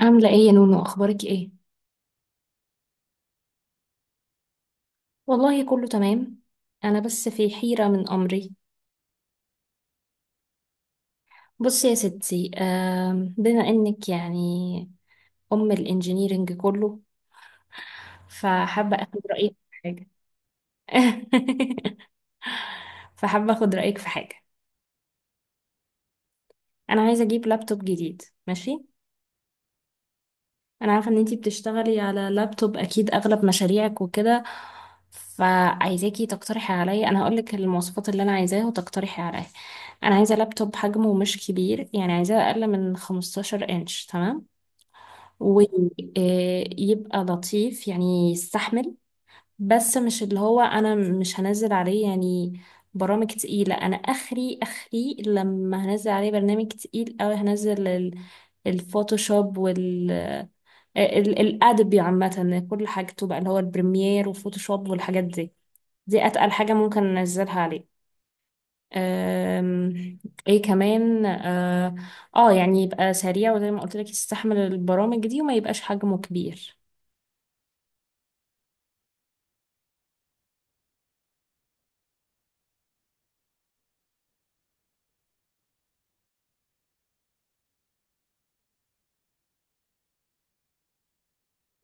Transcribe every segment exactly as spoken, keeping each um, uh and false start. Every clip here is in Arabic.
عاملة ايه يا نونو، اخبارك ايه؟ والله كله تمام. انا بس في حيرة من امري. بصي يا ستي، آم، بما انك يعني ام الانجينيرينج كله، فحابة اخد رأيك في حاجة. فحابة اخد رأيك في حاجة. انا عايزة اجيب لابتوب جديد ماشي. انا عارفه ان انتي بتشتغلي على لابتوب، اكيد اغلب مشاريعك وكده. فعايزاكي تقترحي عليا، انا هقولك المواصفات اللي انا عايزاها وتقترحي عليا. انا عايزه لابتوب حجمه مش كبير، يعني عايزاه اقل من خمستاشر انش، تمام، ويبقى لطيف يعني يستحمل. بس مش اللي هو انا مش هنزل عليه يعني برامج تقيله. انا اخري اخري لما هنزل عليه برنامج تقيل، او هنزل ال- الفوتوشوب، ال- الأدبي عامة، كل حاجته بقى اللي هو البريمير وفوتوشوب والحاجات دي. دي أتقل حاجة ممكن ننزلها عليه. أم، ايه كمان اه آه، يعني يبقى سريع، وزي ما قلت لك يستحمل البرامج دي، وما يبقاش حجمه كبير.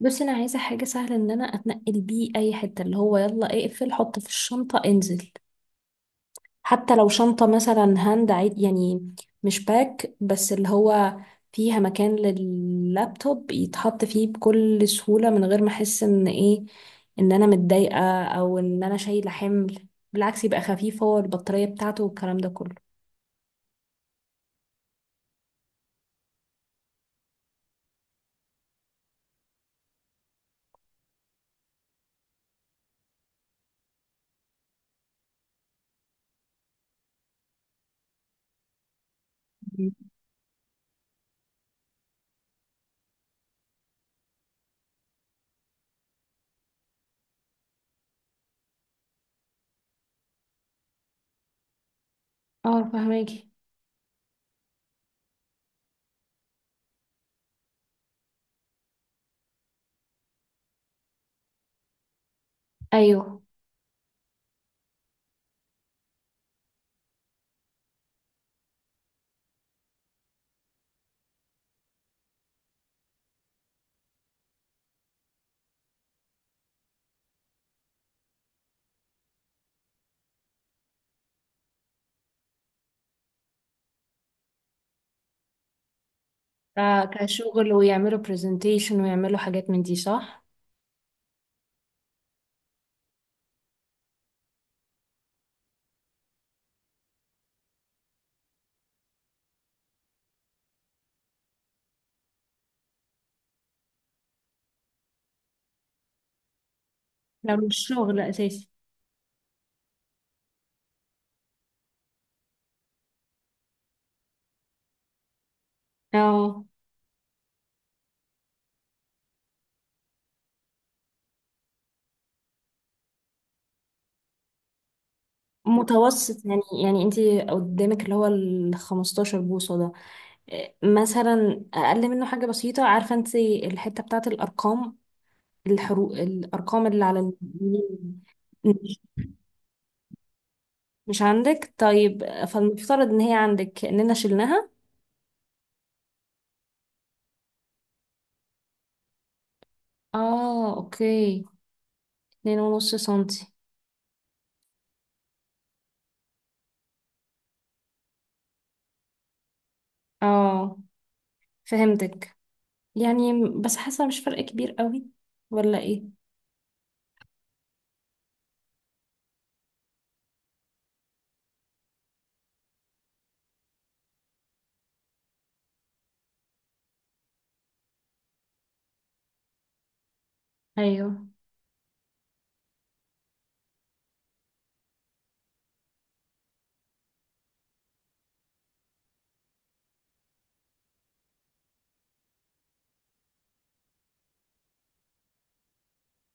بس انا عايزه حاجه سهله ان انا اتنقل بيه اي حته، اللي هو يلا اقفل حط في الشنطه انزل. حتى لو شنطة مثلا هاند عيد، يعني مش باك، بس اللي هو فيها مكان لللابتوب يتحط فيه بكل سهولة من غير ما احس ان ايه، ان انا متضايقة او ان انا شايلة حمل. بالعكس يبقى خفيف، هو البطارية بتاعته والكلام ده كله. اه فهماكي. ايوه. ك- كشغل ويعملوا برزنتيشن ويعملوا حاجات من دي، صح. لو مش شغل اساسي. اه. متوسط يعني. يعني انتي قدامك اللي هو ال خمستاشر بوصة ده، مثلا اقل منه حاجه بسيطه. عارفه انت الحته بتاعت الارقام، الحروف، الارقام اللي على اليمين؟ مش مش عندك؟ طيب فالمفترض ان هي عندك اننا شلناها. اه، اوكي. اتنين ونص سنتي. اه فهمتك. يعني بس حاسه مش فرق كبير قوي، ولا ايه؟ ايوه.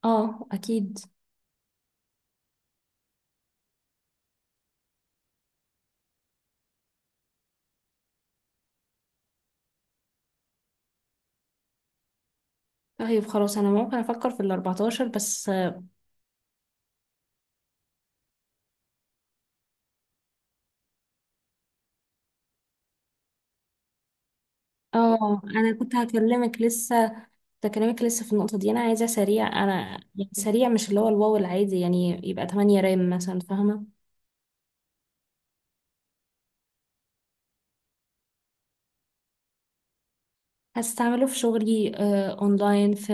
اه اكيد. طيب خلاص، انا ممكن افكر في الاربعتاشر بس. اه، انا كنت هكلمك لسه. ده كلامك لسه في النقطة دي، أنا عايزة سريع. أنا يعني سريع، مش اللي هو الواو العادي، يعني يبقى تمنية رام مثلا، فاهمة؟ هستعمله في شغلي، آه، أونلاين في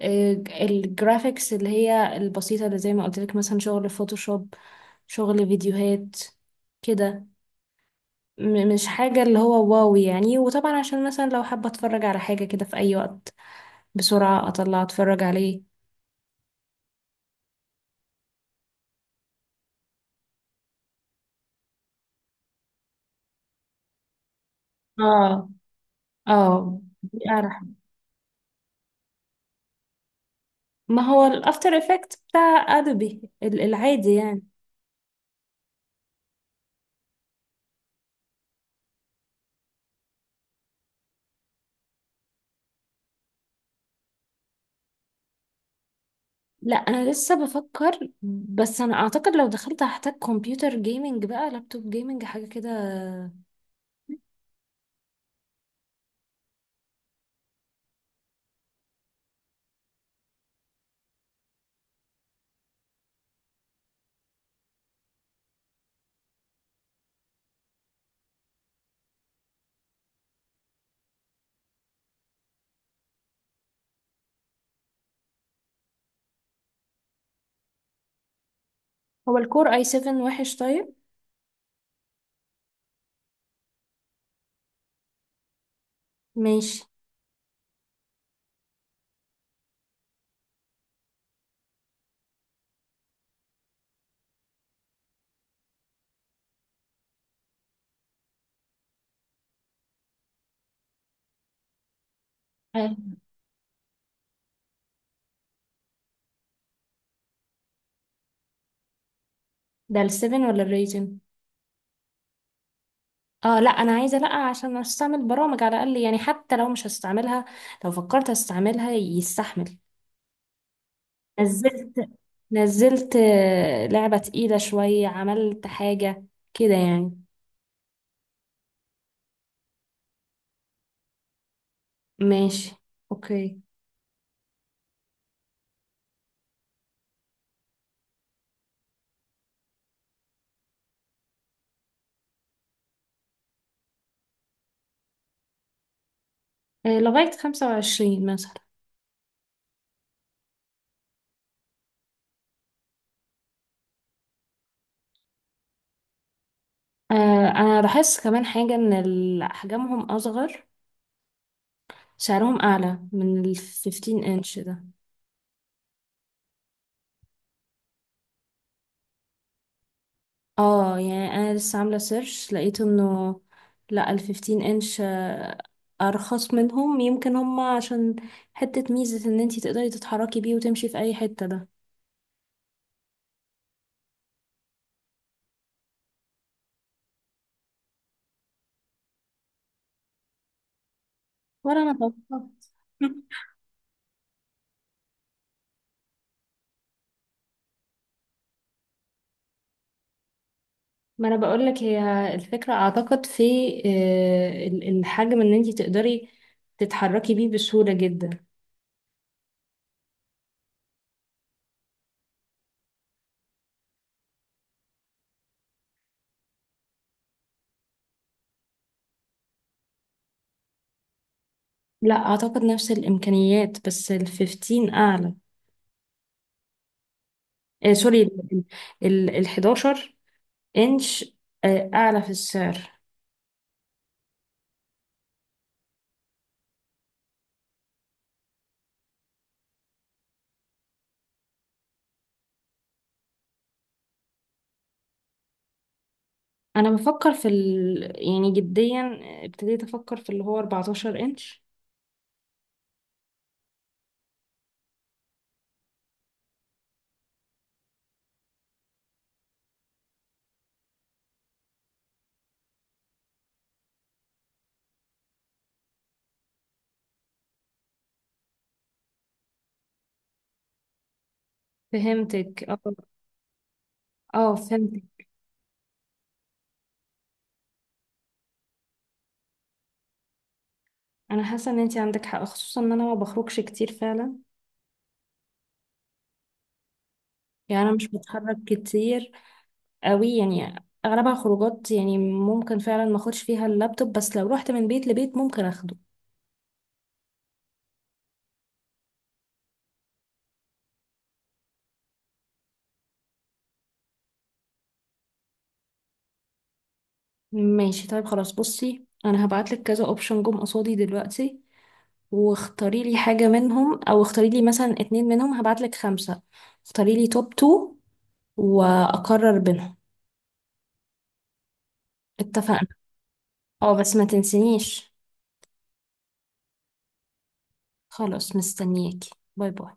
آه، الجرافيكس اللي هي البسيطة، اللي زي ما قلت لك، مثلا شغل فوتوشوب، شغل فيديوهات كده. م- مش حاجة اللي هو واو يعني. وطبعا عشان مثلا لو حابة أتفرج على حاجة كده في أي وقت، بسرعة أطلع أتفرج عليه. اه اه، دي أعلى. ما هو الافتر افكت بتاع ادوبي ال- العادي يعني. لا، انا لسه بفكر، بس انا اعتقد لو دخلت هحتاج كمبيوتر جيمنج، بقى لابتوب جيمنج حاجه كده. هو الكور اي سبعة وحش طيب؟ ماشي. آه، ده ال سبعة ولا الريزن؟ اه لا، انا عايزه لا، عشان استعمل برامج على الاقل يعني، حتى لو مش هستعملها، لو فكرت استعملها يستحمل. نزلت نزلت آه، لعبه تقيله شويه، عملت حاجه كده يعني. ماشي، اوكي. آه، لغاية خمسة وعشرين مثلا. آه، أنا لاحظت كمان حاجة، إن ال- أحجامهم أصغر، سعرهم أعلى من الفيفتين إنش ده. اه يعني أنا لسه عاملة سيرش، لقيت إنه لأ، الفيفتين إنش آه، أرخص منهم. يمكن هما عشان حتة ميزة إن انتي تقدري تتحركي بيه وتمشي في أي حتة ده. ولا أنا توقعت. ما انا بقول لك، هي الفكره اعتقد في آه، ال- الحجم، ان انت تقدري تتحركي بيه بسهوله جدا. لا اعتقد نفس الامكانيات، بس ال خمستاشر اعلى. آه سوري، ال ال احد عشر انش آه اعلى في السعر. انا بفكر في ال... يعني جديا ابتديت افكر في اللي هو اربعتاشر انش. فهمتك، اه. اه فهمتك. انا حاسه ان انت عندك حق، خصوصا ان انا ما بخرجش كتير فعلا. يعني انا مش بتحرك كتير قوي يعني. اغلبها خروجات، يعني ممكن فعلا ما اخدش فيها اللابتوب، بس لو رحت من بيت لبيت ممكن اخده. ماشي، طيب خلاص. بصي انا هبعتلك كذا اوبشن جم قصادي دلوقتي، واختاري لي حاجة منهم، او اختاري لي مثلا اتنين منهم. هبعتلك خمسة، اختاري لي توب تو، واقرر بينهم. اتفقنا. اه بس ما تنسينيش. خلاص مستنياكي. باي باي.